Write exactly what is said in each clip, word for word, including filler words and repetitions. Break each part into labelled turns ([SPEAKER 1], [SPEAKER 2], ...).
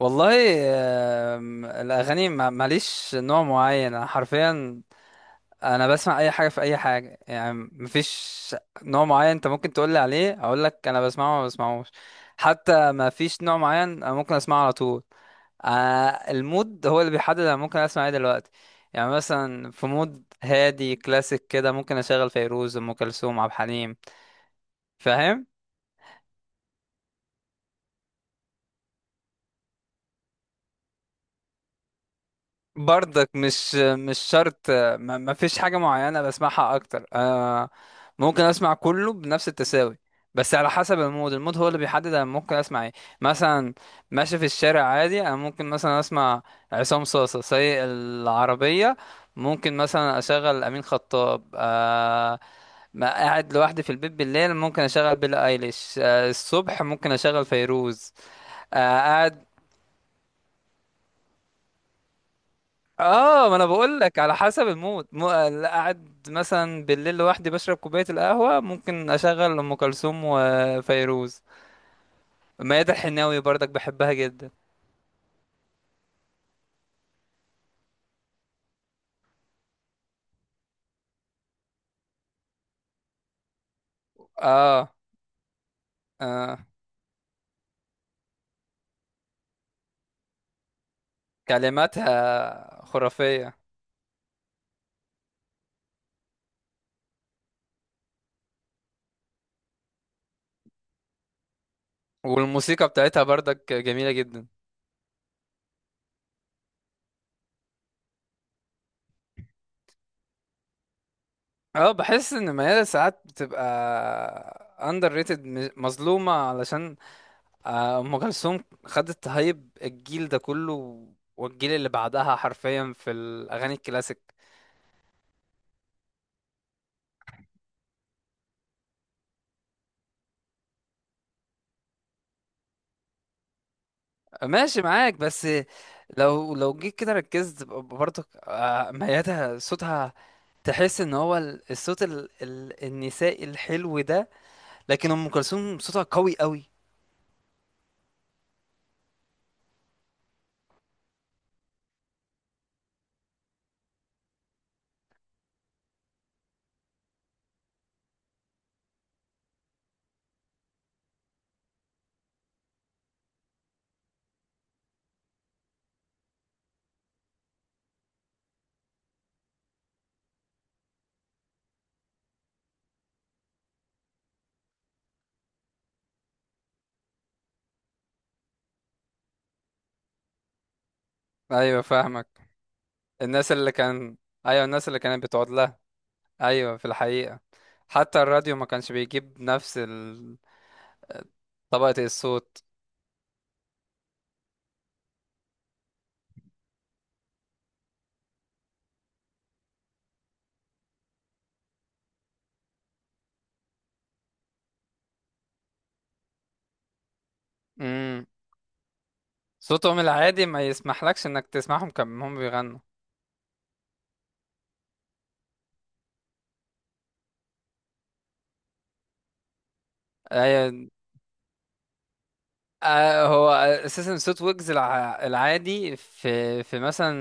[SPEAKER 1] والله. آم، الأغاني ما- ماليش نوع معين، أنا حرفيا أنا بسمع أي حاجة في أي حاجة، يعني مفيش نوع معين أنت ممكن تقولي عليه أقولك أنا بسمعه وما بسمعوش. حتى مفيش نوع معين أنا ممكن أسمعه على طول. آه، المود هو اللي بيحدد أنا ممكن أسمع إيه دلوقتي. يعني مثلا في مود هادي كلاسيك كده ممكن أشغل فيروز، أم كلثوم، عبد الحليم. فاهم؟ برضك مش مش شرط، ما ما فيش حاجة معينة بسمعها أكتر أنا. ممكن أسمع كله بنفس التساوي، بس على حسب المود. المود هو اللي بيحدد أنا ممكن أسمع إيه. مثلا ماشي في الشارع عادي أنا ممكن مثلا أسمع عصام صاصة سايق العربية، ممكن مثلا أشغل أمين خطاب، آه، ما قاعد لوحدي في البيت بالليل ممكن أشغل بيلي أيليش، آه، الصبح ممكن أشغل فيروز. آه. اه، ما انا بقول لك على حسب المود م... لا قاعد مثلا بالليل لوحدي بشرب كوبايه القهوه ممكن اشغل ام كلثوم وفيروز. ميادة الحناوي برضك بحبها جدا. اه. اه، كلماتها خرافيه. والموسيقى بتاعتها برضك جميله جدا. اه بحس ان ميادة ساعات بتبقى اندر ريتد، مظلومه، علشان آه، ام كلثوم خدت هايب الجيل ده كله والجيل اللي بعدها حرفيا في الاغاني الكلاسيك. ماشي معاك، بس لو لو جيت كده ركزت، ب- برضك آه، ميادة صوتها، تحس ان هو ال- الصوت ال ال النسائي الحلو ده، لكن ام كلثوم صوتها قوي قوي. ايوه فاهمك. الناس اللي كان. ايوه الناس اللي كانت بتقعد لها. ايوه، في الحقيقة حتى الراديو ما كانش بيجيب نفس ال- طبقة الصوت. امم صوتهم العادي ما يسمحلكش انك تسمعهم كم هم بيغنوا. ايوه. آه، هو اساسا صوت ويجز الع- العادي في في مثلا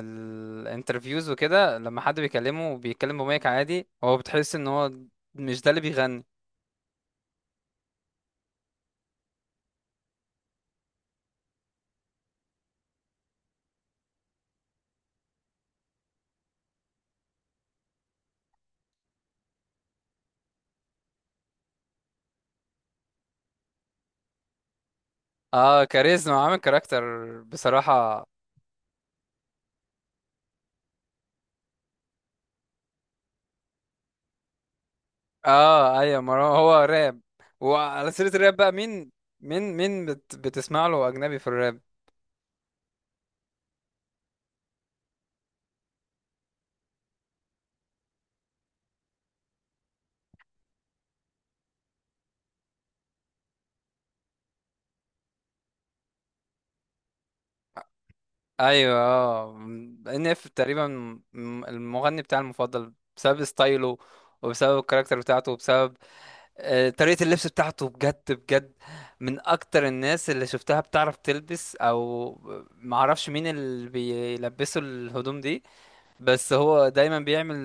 [SPEAKER 1] الانترفيوز وكده، لما حد بيكلمه بيتكلم بمايك عادي هو بتحس ان هو مش ده اللي بيغني. اه، كاريزما عامل كاركتر، بصراحة. اه ايوه، ما هو هو راب. وعلى سيرة الراب بقى، مين مين مين بت بتسمع له اجنبي في الراب؟ ايوه اه. ان اف تقريبا م- المغني بتاعي المفضل، بسبب ستايله وبسبب الكاركتر بتاعته وبسبب آه، طريقة اللبس بتاعته. بجد بجد من أكتر الناس اللي شفتها بتعرف تلبس، أو معرفش مين اللي بيلبسوا الهدوم دي. بس هو دايما بيعمل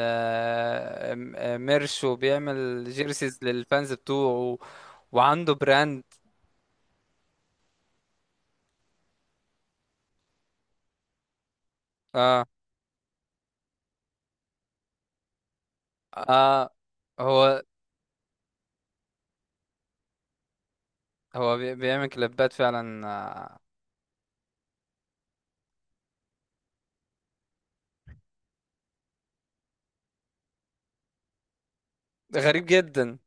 [SPEAKER 1] آه، آم- آه، ميرش وبيعمل جيرسيز للفانز بتوعه. وعنده براند. اه، اه، هو هو بي- بيعمل كليبات فعلا. آه، غريب جدا،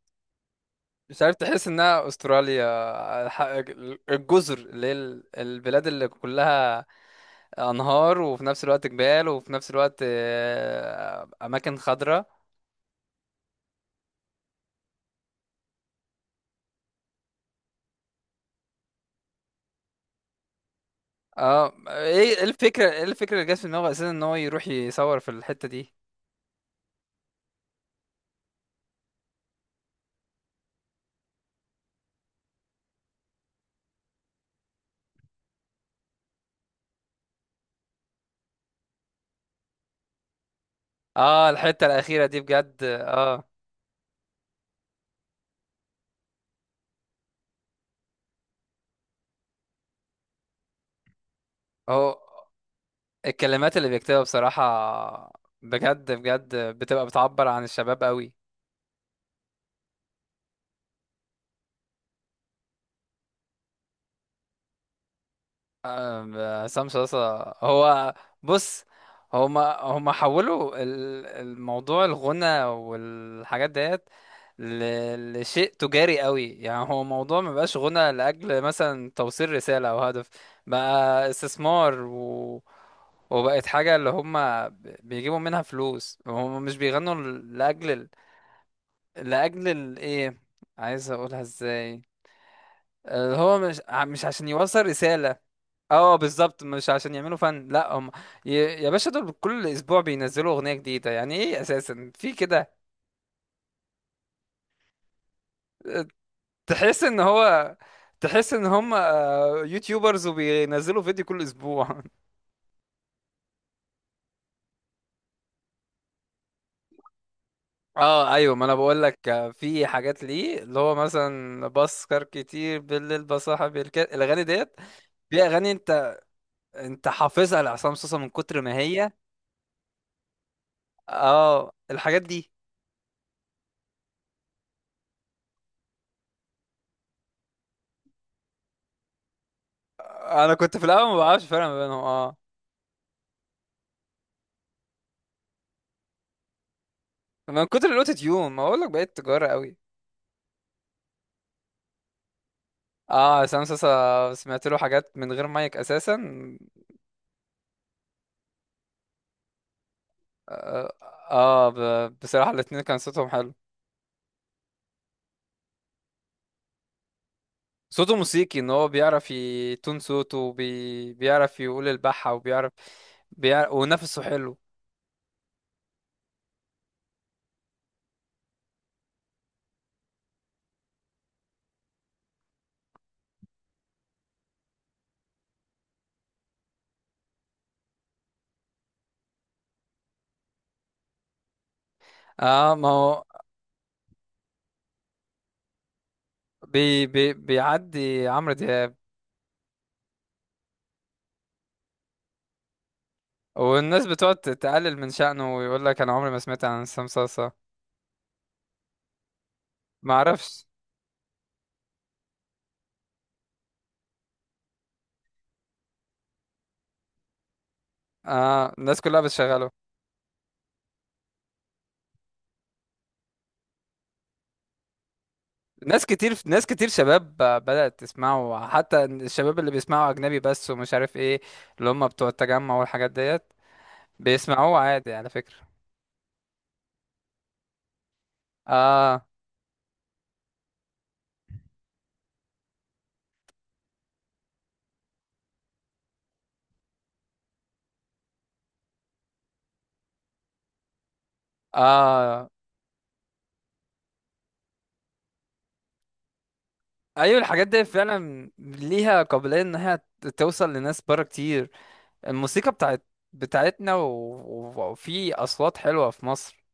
[SPEAKER 1] مش عارف، تحس انها استراليا. آه، الح- الجزر اللي هي ال- البلاد اللي كلها انهار وفي نفس الوقت جبال وفي نفس الوقت آه، اماكن خضراء. اه، ايه إيه الفكره ايه الفكره اللي جت في دماغه اساسا ان هو يروح يصور في الحته دي. اه الحته الاخيره دي بجد. اه، هو الكلمات اللي بيكتبها بصراحه بجد بجد بتبقى بتعبر عن الشباب قوي. عصام صاصا هو، بص، هما هما حولوا ال- الموضوع، الغنى والحاجات ديت ل- لشيء تجاري قوي. يعني هو موضوع ما بقاش غنى لأجل مثلا توصيل رسالة أو هدف، بقى استثمار و... وبقت حاجة اللي هما ب- بيجيبوا منها فلوس. هما مش بيغنوا ل- لأجل ال... لأجل ال... إيه، عايز أقولها إزاي، اللي هو مش ع- مش عشان يوصل رسالة. اه بالظبط، مش عشان يعملوا فن، لا هم ي- يا باشا دول كل اسبوع بينزلوا اغنيه جديده. يعني ايه اساسا في كده. تحس ان هو تحس ان هم آه، يوتيوبرز وبينزلوا فيديو كل اسبوع. اه ايوه، ما انا بقول لك آه، في حاجات، ليه اللي هو مثلا بسكر كتير بالليل بصاحب الك... الاغاني ديت. في اغاني، انت انت حافظها لعصام صوصه من كتر ما هي. اه الحاجات دي. انا كنت في الاول ما بعرفش فرق ما بينهم. اه، من كتر الاوتو تيون ما اقول لك بقيت تجاره قوي. اه، عصام صاصا سمعت له حاجات من غير مايك اساسا. اه، آه، ب... بصراحه الاتنين كان صوتهم حلو. صوته موسيقي، ان هو بيعرف يتون صوته وبي... بيعرف يقول البحة، وبيعرف بيعرف... ونفسه حلو. اه، ما هو بي... بي... بيعدي عمرو دياب. والناس بتقعد تقلل من شأنه ويقول لك انا عمري ما سمعت عن عصام صاصا. ما اعرفش. اه، الناس كلها بتشغله. ناس كتير، ناس كتير شباب بدأت تسمعه، حتى الشباب اللي بيسمعوا أجنبي بس ومش عارف ايه، اللي هم بتوع التجمع والحاجات ديت، بيسمعوه عادي على فكرة. اه. اه ايوه، الحاجات دي فعلا ليها قابلية انها توصل لناس بره كتير. الموسيقى بتاعت بتاعتنا، و- و- وفي أصوات حلوة في مصر.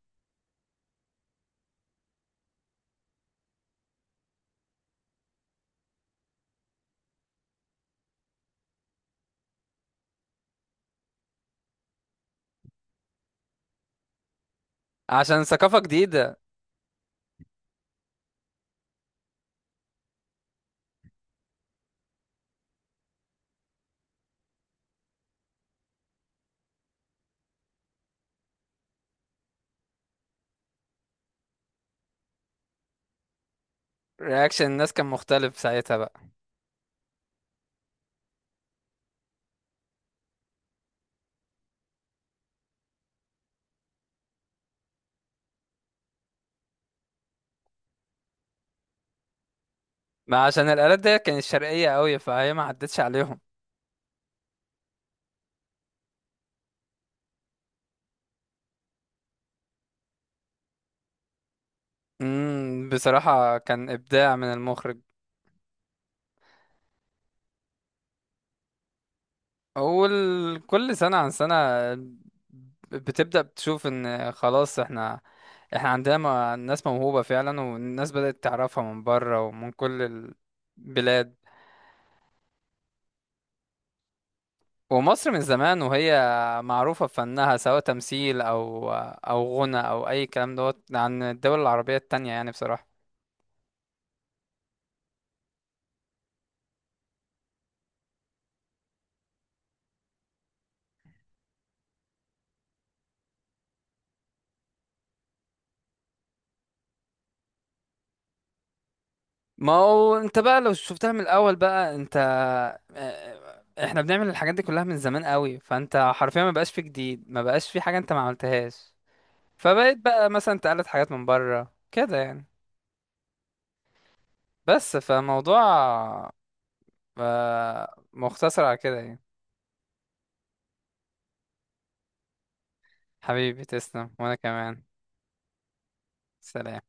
[SPEAKER 1] عشان ثقافة جديدة. رياكشن الناس كان مختلف ساعتها بقى. ما عشان الآلات دي كانت شرقية قوي فهي ما عدتش عليهم. امم بصراحة كان إبداع من المخرج. أول، كل سنة عن سنة بتبدأ بتشوف إن خلاص إحنا إحنا عندنا، م- ناس موهوبة فعلا، والناس بدأت تعرفها من بره ومن كل البلاد. ومصر من زمان وهي معروفة بفنها، سواء تمثيل أو أو غنى أو أي كلام، دوت عن الدول العربية التانية يعني بصراحة. ما هو انت بقى لو شفتها من الاول بقى، انت اه، آه، احنا بنعمل الحاجات دي كلها من زمان قوي، فانت حرفيا ما بقاش في جديد، ما بقاش في حاجة انت ما عملتهاش. فبقيت بقى مثلا تقلد حاجات من بره كده، يعني بس فموضوع، اه، مختصر على كده يعني. حبيبي تسلم وانا كمان. سلام.